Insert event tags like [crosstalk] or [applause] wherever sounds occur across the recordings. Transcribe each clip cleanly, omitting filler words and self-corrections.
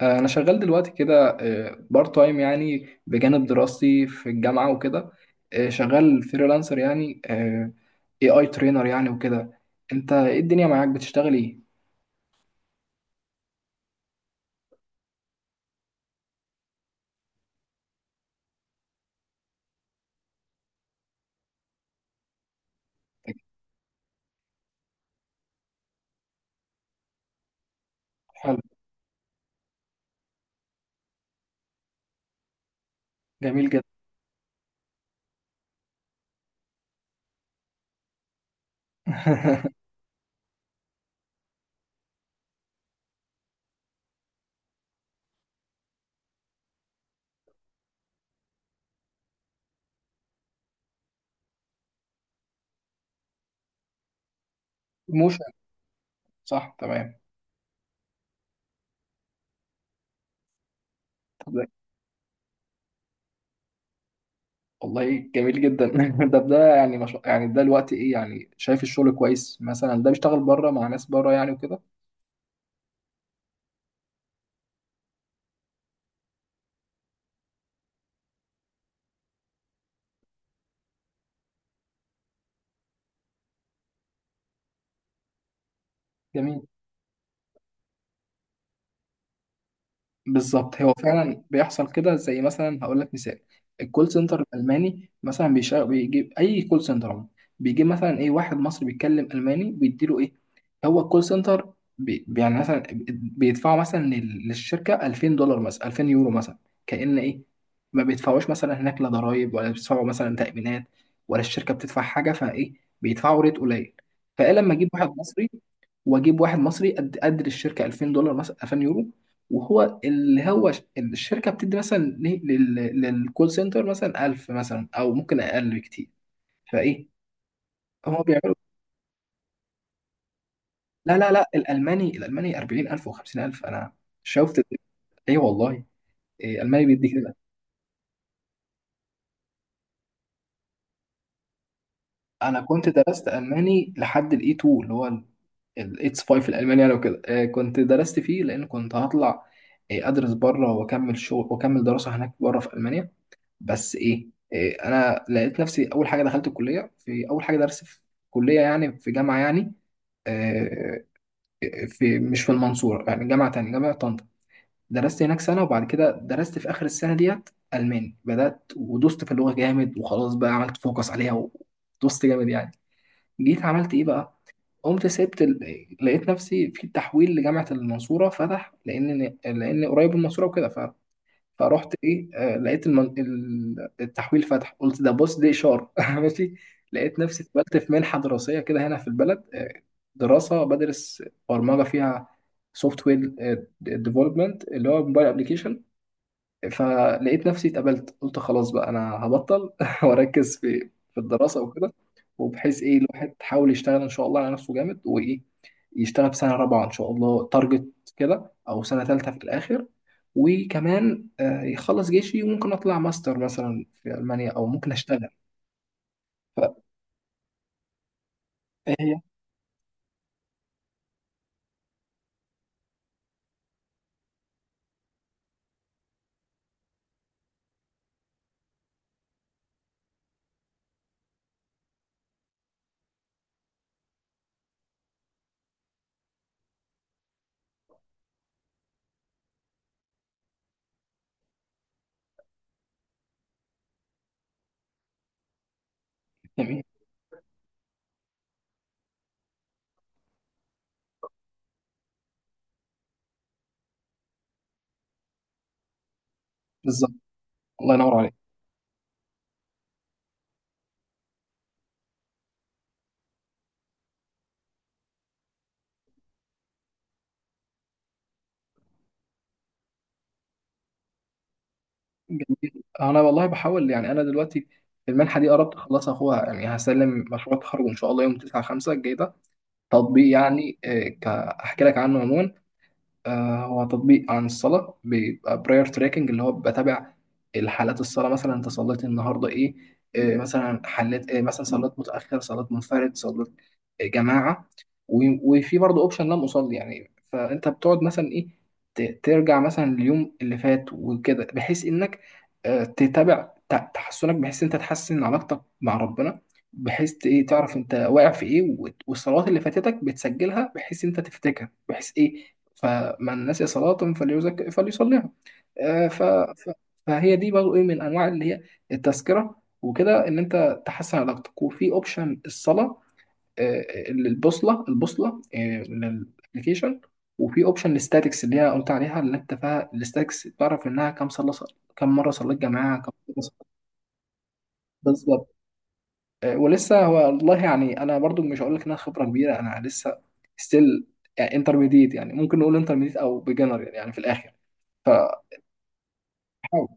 انا شغال دلوقتي كده بارت تايم يعني بجانب دراستي في الجامعه وكده. شغال فريلانسر يعني اي ترينر يعني وكده. انت ايه الدنيا معاك بتشتغل ايه؟ حلو. جميل جدا. [laughs] موشن، صح تمام. طب ده- والله جميل جدا. [laughs] ده يعني مش... يعني ده الوقت ايه، يعني شايف الشغل كويس مثلا، ده بيشتغل بره مع ناس بره يعني وكده. جميل. بالظبط، هو فعلا بيحصل كده. زي مثلا هقول لك مثال: الكول سنتر الالماني مثلا بيشغل، بيجيب اي كول سنتر عموما بيجيب مثلا ايه واحد مصري بيتكلم الماني، بيديله ايه. هو الكول سنتر بي يعني مثلا بيدفعوا مثلا للشركه 2000 دولار مثلا، 2000 يورو مثلا. كأن ايه، ما بيدفعوش مثلا هناك لا ضرايب ولا بيدفعوا مثلا تأمينات ولا الشركه بتدفع حاجه، فايه بيدفعوا ريت قليل. فايه لما اجيب واحد مصري واجيب واحد مصري قد قدر الشركه 2000 دولار مثلا، 2000 يورو، وهو اللي هو الشركه بتدي مثلا للكول سنتر مثلا 1000، مثلا او ممكن اقل بكتير، فايه. هو بيعملوا؟ لا لا لا، الالماني، الالماني 40,000 و50000، انا شفت. ايه والله. إيه الماني بيدي كده. انا كنت درست الماني لحد الاي 2، اللي هو الاتس 5 الالماني يعني وكده. إيه كنت درست فيه لان كنت هطلع إيه، ادرس بره واكمل شغل واكمل دراسه هناك بره في المانيا. بس ايه، إيه انا لقيت نفسي اول حاجه دخلت الكليه. في اول حاجه درس في كليه يعني، في جامعه يعني، آه، في، مش في المنصوره يعني، جامعه تانية، جامعه طنطا. درست هناك سنه، وبعد كده درست في اخر السنه ديت الماني، بدات ودوست في اللغه جامد وخلاص بقى، عملت فوكس عليها ودوست جامد يعني. جيت عملت ايه بقى، قمت سبت لقيت نفسي في تحويل لجامعه المنصوره فتح، لان قريب من المنصوره وكده. فرحت ايه، لقيت التحويل فتح، قلت ده بص دي اشاره. [laughs] ماشي. لقيت نفسي اتقبلت في منحه دراسيه كده هنا في البلد. دراسه بدرس برمجه فيها، سوفت وير ديفلوبمنت، اللي هو موبايل ابلكيشن. فلقيت نفسي اتقبلت، قلت خلاص بقى انا هبطل [laughs] واركز في الدراسه وكده، وبحيث ايه الواحد يحاول يشتغل ان شاء الله على نفسه جامد، وايه يشتغل في سنه رابعه ان شاء الله، تارجت كده، او سنه ثالثه في الاخر. وكمان يخلص جيشي وممكن اطلع ماستر مثلا في المانيا، او ممكن اشتغل فهي. جميل. بالظبط. الله ينور عليك. جميل. انا والله بحاول يعني. انا دلوقتي المنحه دي قربت اخلصها اخوها، يعني هسلم مشروع التخرج ان شاء الله يوم 9 5 الجاي ده. تطبيق يعني، احكي لك عنه عموما. هو تطبيق عن الصلاة، بيبقى براير تراكنج، اللي هو بتابع الحالات الصلاة. مثلا انت صليت النهاردة ايه، مثلا حليت إيه، مثلا صليت متأخر، صليت منفرد، صليت جماعة. وفي برضه اوبشن لم أصلي يعني. فانت بتقعد مثلا ايه، ترجع مثلا اليوم اللي فات وكده، بحيث انك تتابع تحسنك، بحيث انت تحسن علاقتك مع ربنا، بحيث ايه تعرف انت واقع في ايه، والصلوات اللي فاتتك بتسجلها بحيث انت تفتكر بحيث ايه، فمن نسي صلاة فليصليها. آه، ف... ف... فهي دي برضه ايه من انواع اللي هي التذكرة وكده، ان انت تحسن علاقتك. وفي اوبشن الصلاة، البوصلة للابلكيشن. وفي اوبشن الستاتكس اللي هي قلت عليها، اللي انت فيها الستاتكس تعرف انها كم كم مرة صليت جماعة، كم مرة صليت. بالظبط. ولسه هو والله يعني، انا برضو مش هقول لك انها خبرة كبيرة، انا لسه ستيل يعني انترميديت. يعني ممكن نقول انترميديت او بيجنر يعني، يعني في الاخر بحاول.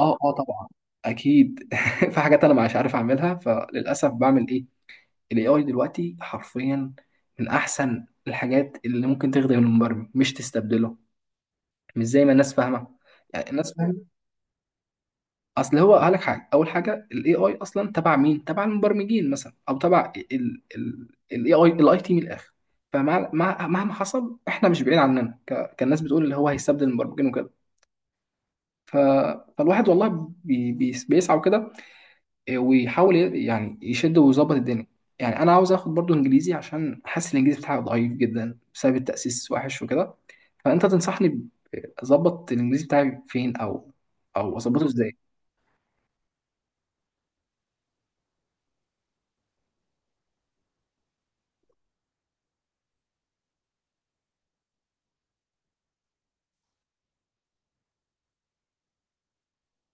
اه، اه طبعا اكيد. [laughs] في حاجات انا مش عارف اعملها، فللاسف بعمل ايه، الاي اي دلوقتي حرفيا من احسن الحاجات اللي ممكن تخدم المبرمج، مش تستبدله، مش زي ما الناس فاهمه يعني. الناس فاهمه اصل هو قال لك حاجه. اول حاجه الاي اي اصلا تبع مين؟ تبع المبرمجين مثلا، او تبع الاي اي الاي تي من الاخر. مهما حصل احنا مش بعيد عننا، كالناس بتقول اللي هو هيستبدل المبرمجين وكده. ف... فالواحد والله بيسعى وكده ويحاول يعني يشد ويظبط الدنيا. يعني انا عاوز اخد برضو انجليزي عشان حاسس الانجليزي بتاعي ضعيف جدا بسبب التاسيس وحش وكده. فانت تنصحني اظبط الانجليزي بتاعي فين، او او اظبطه ازاي.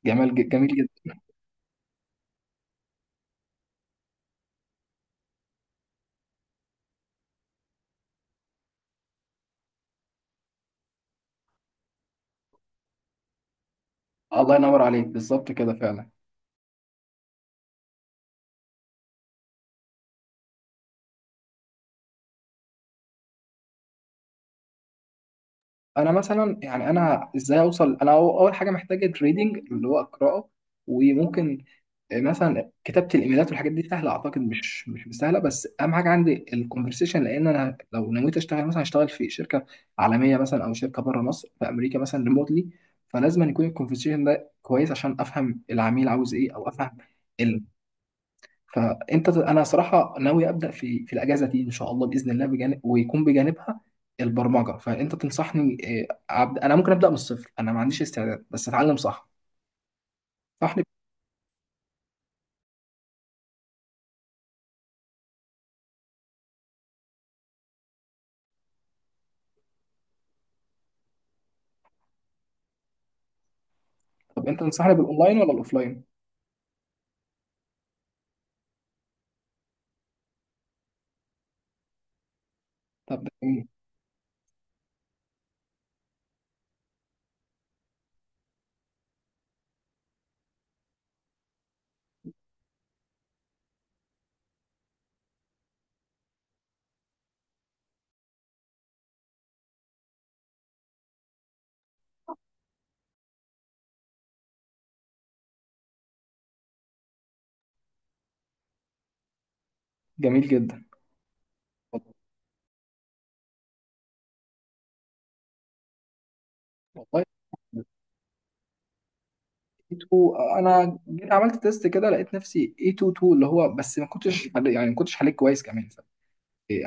جميل جدا. الله ينور عليك، بالظبط كده فعلا. انا مثلا يعني، انا ازاي اوصل؟ انا اول حاجه محتاجه تريدنج اللي هو قراءه، وممكن مثلا كتابه الايميلات والحاجات دي سهله اعتقد، مش سهله. بس اهم حاجه عندي الكونفرسيشن، لان انا لو نويت اشتغل مثلا هشتغل في شركه عالميه مثلا، او شركه بره مصر في امريكا مثلا ريموتلي، فلازم أن يكون الكونفرسيشن ده كويس عشان افهم العميل عاوز ايه، او افهم. فانت انا صراحه ناوي ابدا في الاجازه دي ان شاء الله باذن الله، بجانب ويكون بجانبها البرمجه. فانت تنصحني، أبدأ انا ممكن ابدا من الصفر، انا ما عنديش استعداد، بس اتعلم صح. صحني. طب انت تنصحني بالاونلاين ولا الاوفلاين؟ طب ده جميل. جميل جدا. والله ايتو، انا جيت عملت تيست كده لقيت نفسي اي 2 2 اللي هو، بس ما كنتش يعني ما كنتش حليت كويس كمان إيه،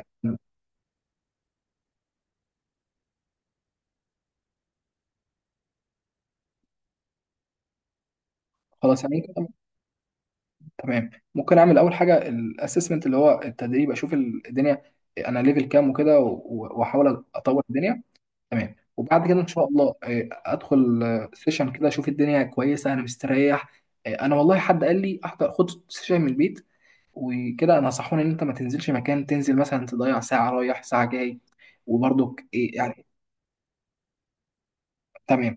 خلاص يعني. تمام. ممكن اعمل اول حاجه الاسسمنت اللي هو التدريب، اشوف الدنيا انا ليفل كام وكده، واحاول اطور الدنيا. تمام. وبعد كده ان شاء الله ادخل سيشن كده اشوف الدنيا كويسه، انا مستريح. انا والله حد قال لي احضر خد سيشن من البيت وكده. انا نصحوني ان انت ما تنزلش مكان، تنزل مثلا تضيع ساعه رايح ساعه جاي، وبرضك ايه يعني. تمام.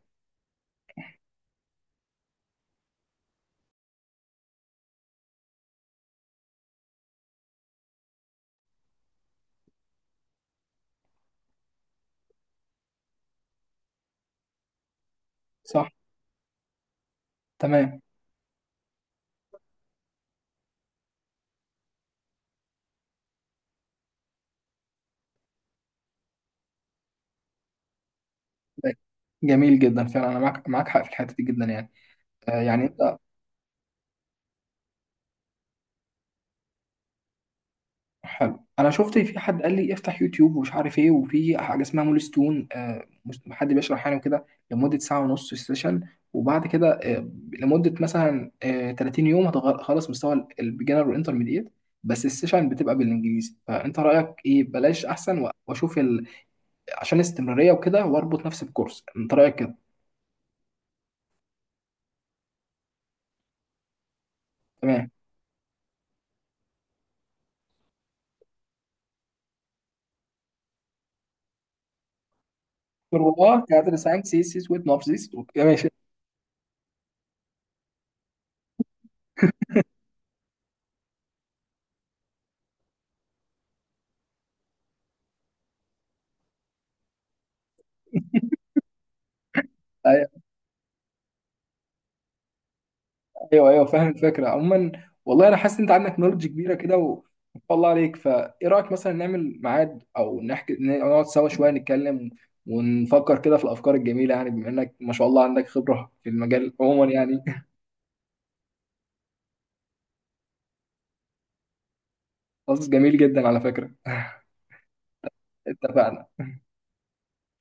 صح تمام. جميل جدا، فعلا انا معاك حق في الحته دي جدا يعني. يعني انت. حلو. انا شفت في حد قال لي افتح يوتيوب ومش عارف ايه، وفي حاجه اسمها مول ستون، حد بيشرح يعني وكده لمده ساعه ونص في السيشن، وبعد كده لمده مثلا 30 يوم خلاص مستوى البيجنر والانترميديت. بس السيشن بتبقى بالانجليزي، فانت رايك ايه؟ بلاش احسن واشوف عشان الاستمراريه وكده واربط نفسي بكورس، انت رايك كده؟ تمام والله. كادر ساينس سيس ويت نوف سيس. ماشي. ايوه ايوه فاهم الفكره عموما. والله انا حاسس ان انت عندك نولج كبيره كده ما شاء الله عليك. فايه رايك مثلا نعمل ميعاد، او نحكي نقعد سوا شويه نتكلم ونفكر كده في الافكار الجميله يعني، بما انك ما شاء الله عندك خبره في المجال عموما يعني. [laughs] خلاص جميل جدا، على فكره. [laughs] اتفقنا.